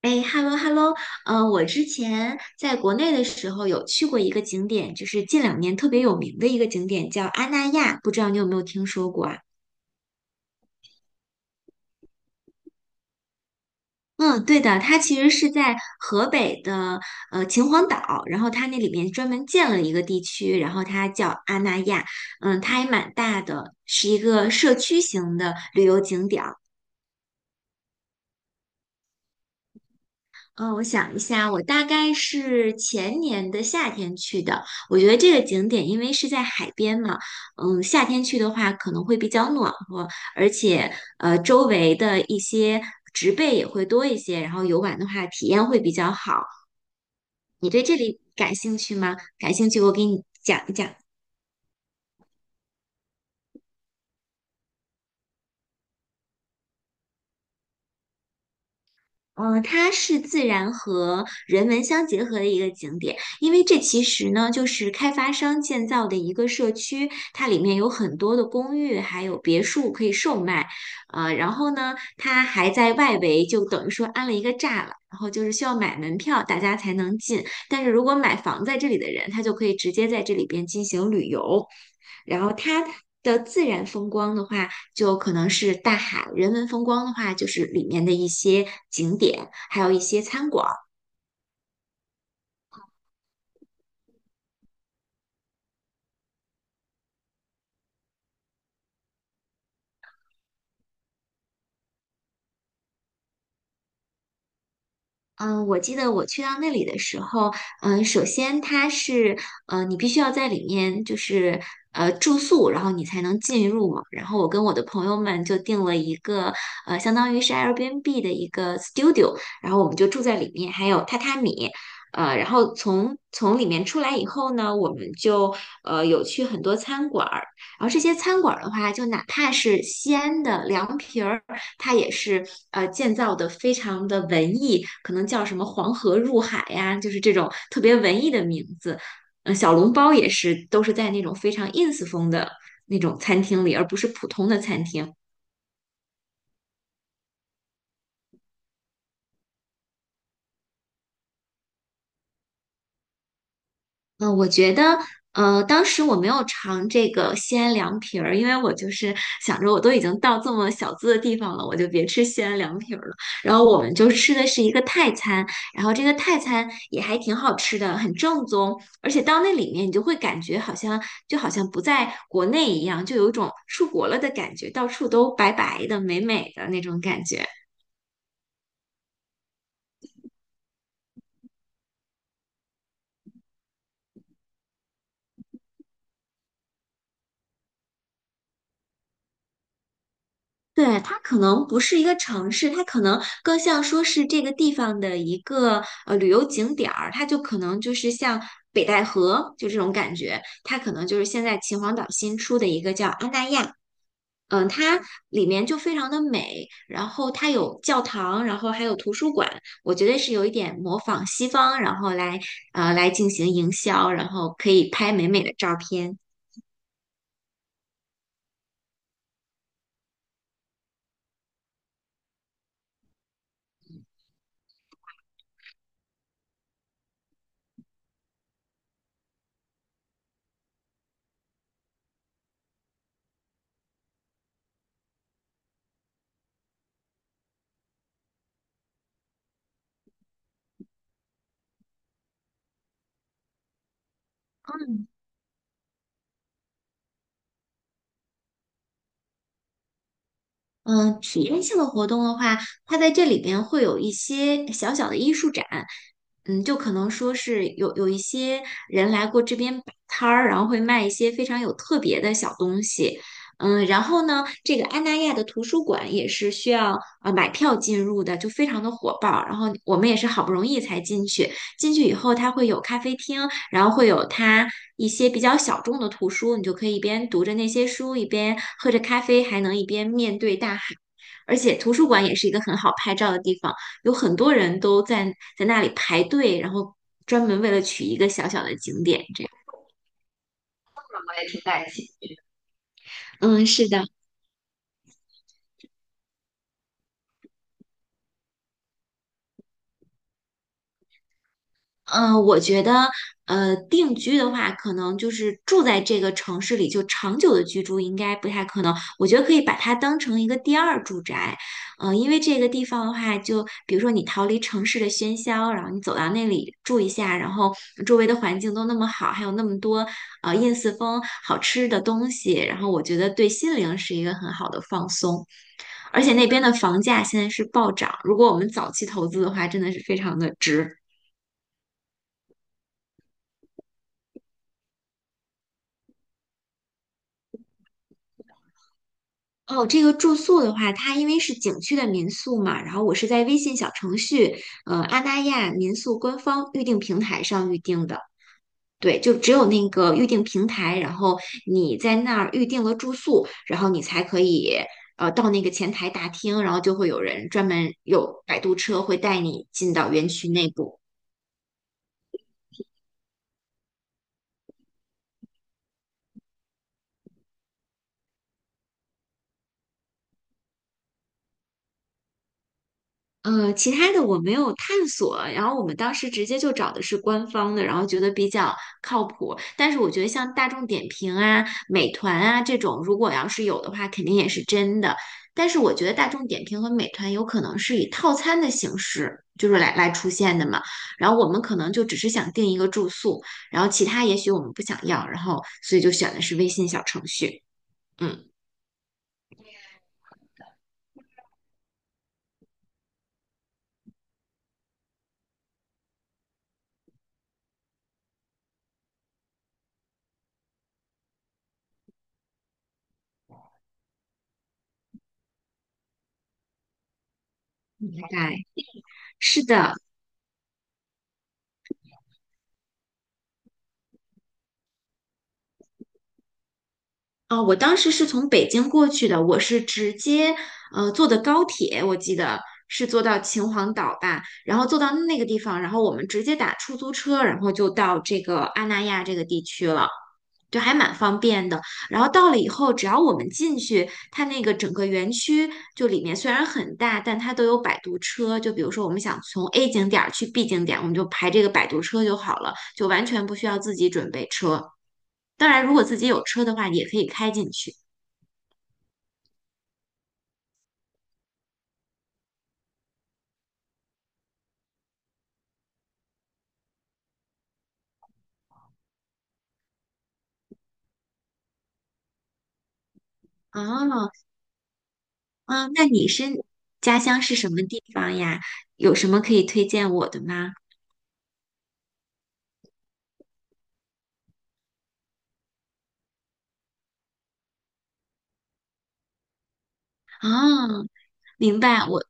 哎，hello hello，我之前在国内的时候有去过一个景点，就是近两年特别有名的一个景点，叫阿那亚，不知道你有没有听说过啊？嗯，对的，它其实是在河北的秦皇岛，然后它那里面专门建了一个地区，然后它叫阿那亚，嗯，它还蛮大的，是一个社区型的旅游景点。嗯,我想一下，我大概是前年的夏天去的。我觉得这个景点因为是在海边嘛，嗯，夏天去的话可能会比较暖和，而且周围的一些植被也会多一些，然后游玩的话体验会比较好。你对这里感兴趣吗？感兴趣，我给你讲一讲。嗯，它是自然和人文相结合的一个景点，因为这其实呢就是开发商建造的一个社区，它里面有很多的公寓，还有别墅可以售卖，然后呢，它还在外围就等于说安了一个栅栏，然后就是需要买门票，大家才能进，但是如果买房在这里的人，他就可以直接在这里边进行旅游。然后它的自然风光的话，就可能是大海，人文风光的话，就是里面的一些景点，还有一些餐馆。嗯,我记得我去到那里的时候，嗯，首先它是，呃，你必须要在里面就是住宿，然后你才能进入嘛。然后我跟我的朋友们就订了一个，呃，相当于是 Airbnb 的一个 studio，然后我们就住在里面，还有榻榻米，然后从里面出来以后呢，我们就有去很多餐馆儿，然后这些餐馆儿的话，就哪怕是西安的凉皮儿。它也是建造的非常的文艺，可能叫什么黄河入海呀，就是这种特别文艺的名字。嗯，小笼包也是，都是在那种非常 ins 风的那种餐厅里，而不是普通的餐厅。嗯,我觉得，呃，当时我没有尝这个西安凉皮儿，因为我就是想着我都已经到这么小资的地方了，我就别吃西安凉皮儿了。然后我们就吃的是一个泰餐，然后这个泰餐也还挺好吃的，很正宗。而且到那里面，你就会感觉好像就好像不在国内一样，就有一种出国了的感觉，到处都白白的、美美的那种感觉。对，它可能不是一个城市，它可能更像说是这个地方的一个旅游景点儿，它就可能就是像北戴河就这种感觉，它可能就是现在秦皇岛新出的一个叫阿那亚，嗯，它里面就非常的美，然后它有教堂，然后还有图书馆，我觉得是有一点模仿西方，然后来来进行营销，然后可以拍美美的照片。嗯嗯，体验性的活动的话，它在这里边会有一些小小的艺术展，嗯，就可能说是有一些人来过这边摆摊儿，然后会卖一些非常有特别的小东西，嗯，然后呢，这个安那亚的图书馆也是需要买票进入的，就非常的火爆，然后我们也是好不容易才进去，进去以后它会有咖啡厅，然后会有它一些比较小众的图书，你就可以一边读着那些书，一边喝着咖啡，还能一边面对大海。而且图书馆也是一个很好拍照的地方，有很多人都在那里排队，然后专门为了取一个小小的景点，这样。我也挺感谢。嗯，是的。嗯，我觉得，呃，定居的话，可能就是住在这个城市里，就长久的居住应该不太可能。我觉得可以把它当成一个第二住宅，因为这个地方的话，就比如说你逃离城市的喧嚣，然后你走到那里住一下，然后周围的环境都那么好，还有那么多燕四风好吃的东西，然后我觉得对心灵是一个很好的放松。而且那边的房价现在是暴涨，如果我们早期投资的话，真的是非常的值。哦，这个住宿的话，它因为是景区的民宿嘛，然后我是在微信小程序，阿那亚民宿官方预订平台上预订的。对，就只有那个预订平台，然后你在那儿预订了住宿，然后你才可以到那个前台大厅，然后就会有人专门有摆渡车会带你进到园区内部。其他的我没有探索，然后我们当时直接就找的是官方的，然后觉得比较靠谱。但是我觉得像大众点评啊、美团啊这种，如果要是有的话，肯定也是真的。但是我觉得大众点评和美团有可能是以套餐的形式，就是来出现的嘛。然后我们可能就只是想订一个住宿，然后其他也许我们不想要，然后所以就选的是微信小程序。嗯，大概是的。啊、我当时是从北京过去的，我是直接坐的高铁，我记得是坐到秦皇岛吧，然后坐到那个地方，然后我们直接打出租车，然后就到这个阿那亚这个地区了。就还蛮方便的。然后到了以后，只要我们进去，它那个整个园区就里面虽然很大，但它都有摆渡车。就比如说我们想从 A 景点儿去 B 景点，我们就排这个摆渡车就好了，就完全不需要自己准备车。当然，如果自己有车的话，也可以开进去。哦，嗯，那你是家乡是什么地方呀？有什么可以推荐我的吗？啊，明白，我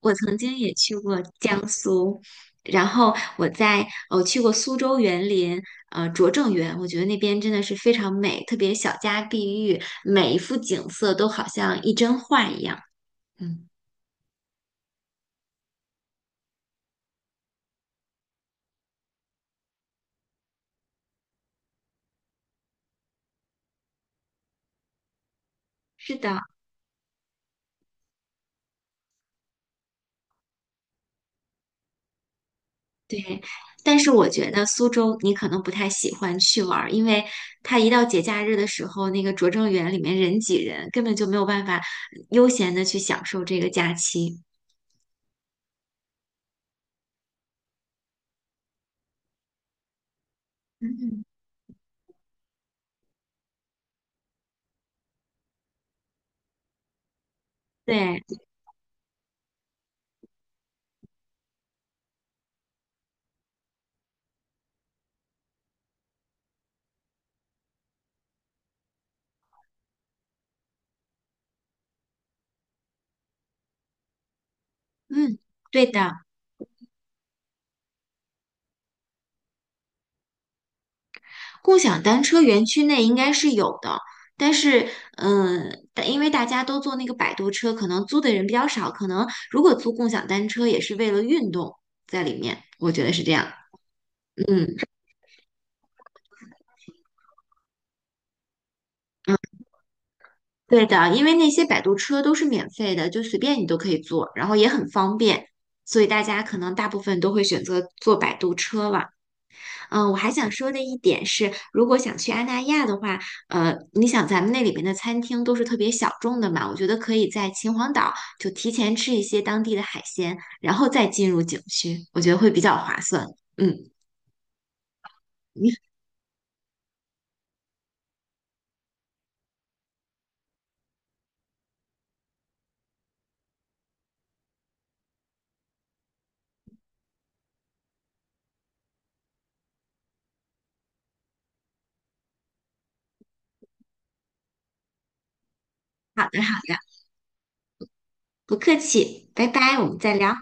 我曾经也去过江苏，然后我去过苏州园林，拙政园，我觉得那边真的是非常美，特别小家碧玉，每一幅景色都好像一帧画一样。嗯，是的。对，但是我觉得苏州你可能不太喜欢去玩儿，因为它一到节假日的时候，那个拙政园里面人挤人，根本就没有办法悠闲的去享受这个假期。嗯，对，嗯，对的，共享单车园区内应该是有的，但是，嗯，但因为大家都坐那个摆渡车，可能租的人比较少，可能如果租共享单车也是为了运动在里面，我觉得是这样。嗯对的，因为那些摆渡车都是免费的，就随便你都可以坐，然后也很方便，所以大家可能大部分都会选择坐摆渡车了。嗯，我还想说的一点是，如果想去阿那亚的话，你想咱们那里面的餐厅都是特别小众的嘛，我觉得可以在秦皇岛就提前吃一些当地的海鲜，然后再进入景区，我觉得会比较划算。嗯，好的好的，不客气，拜拜，我们再聊。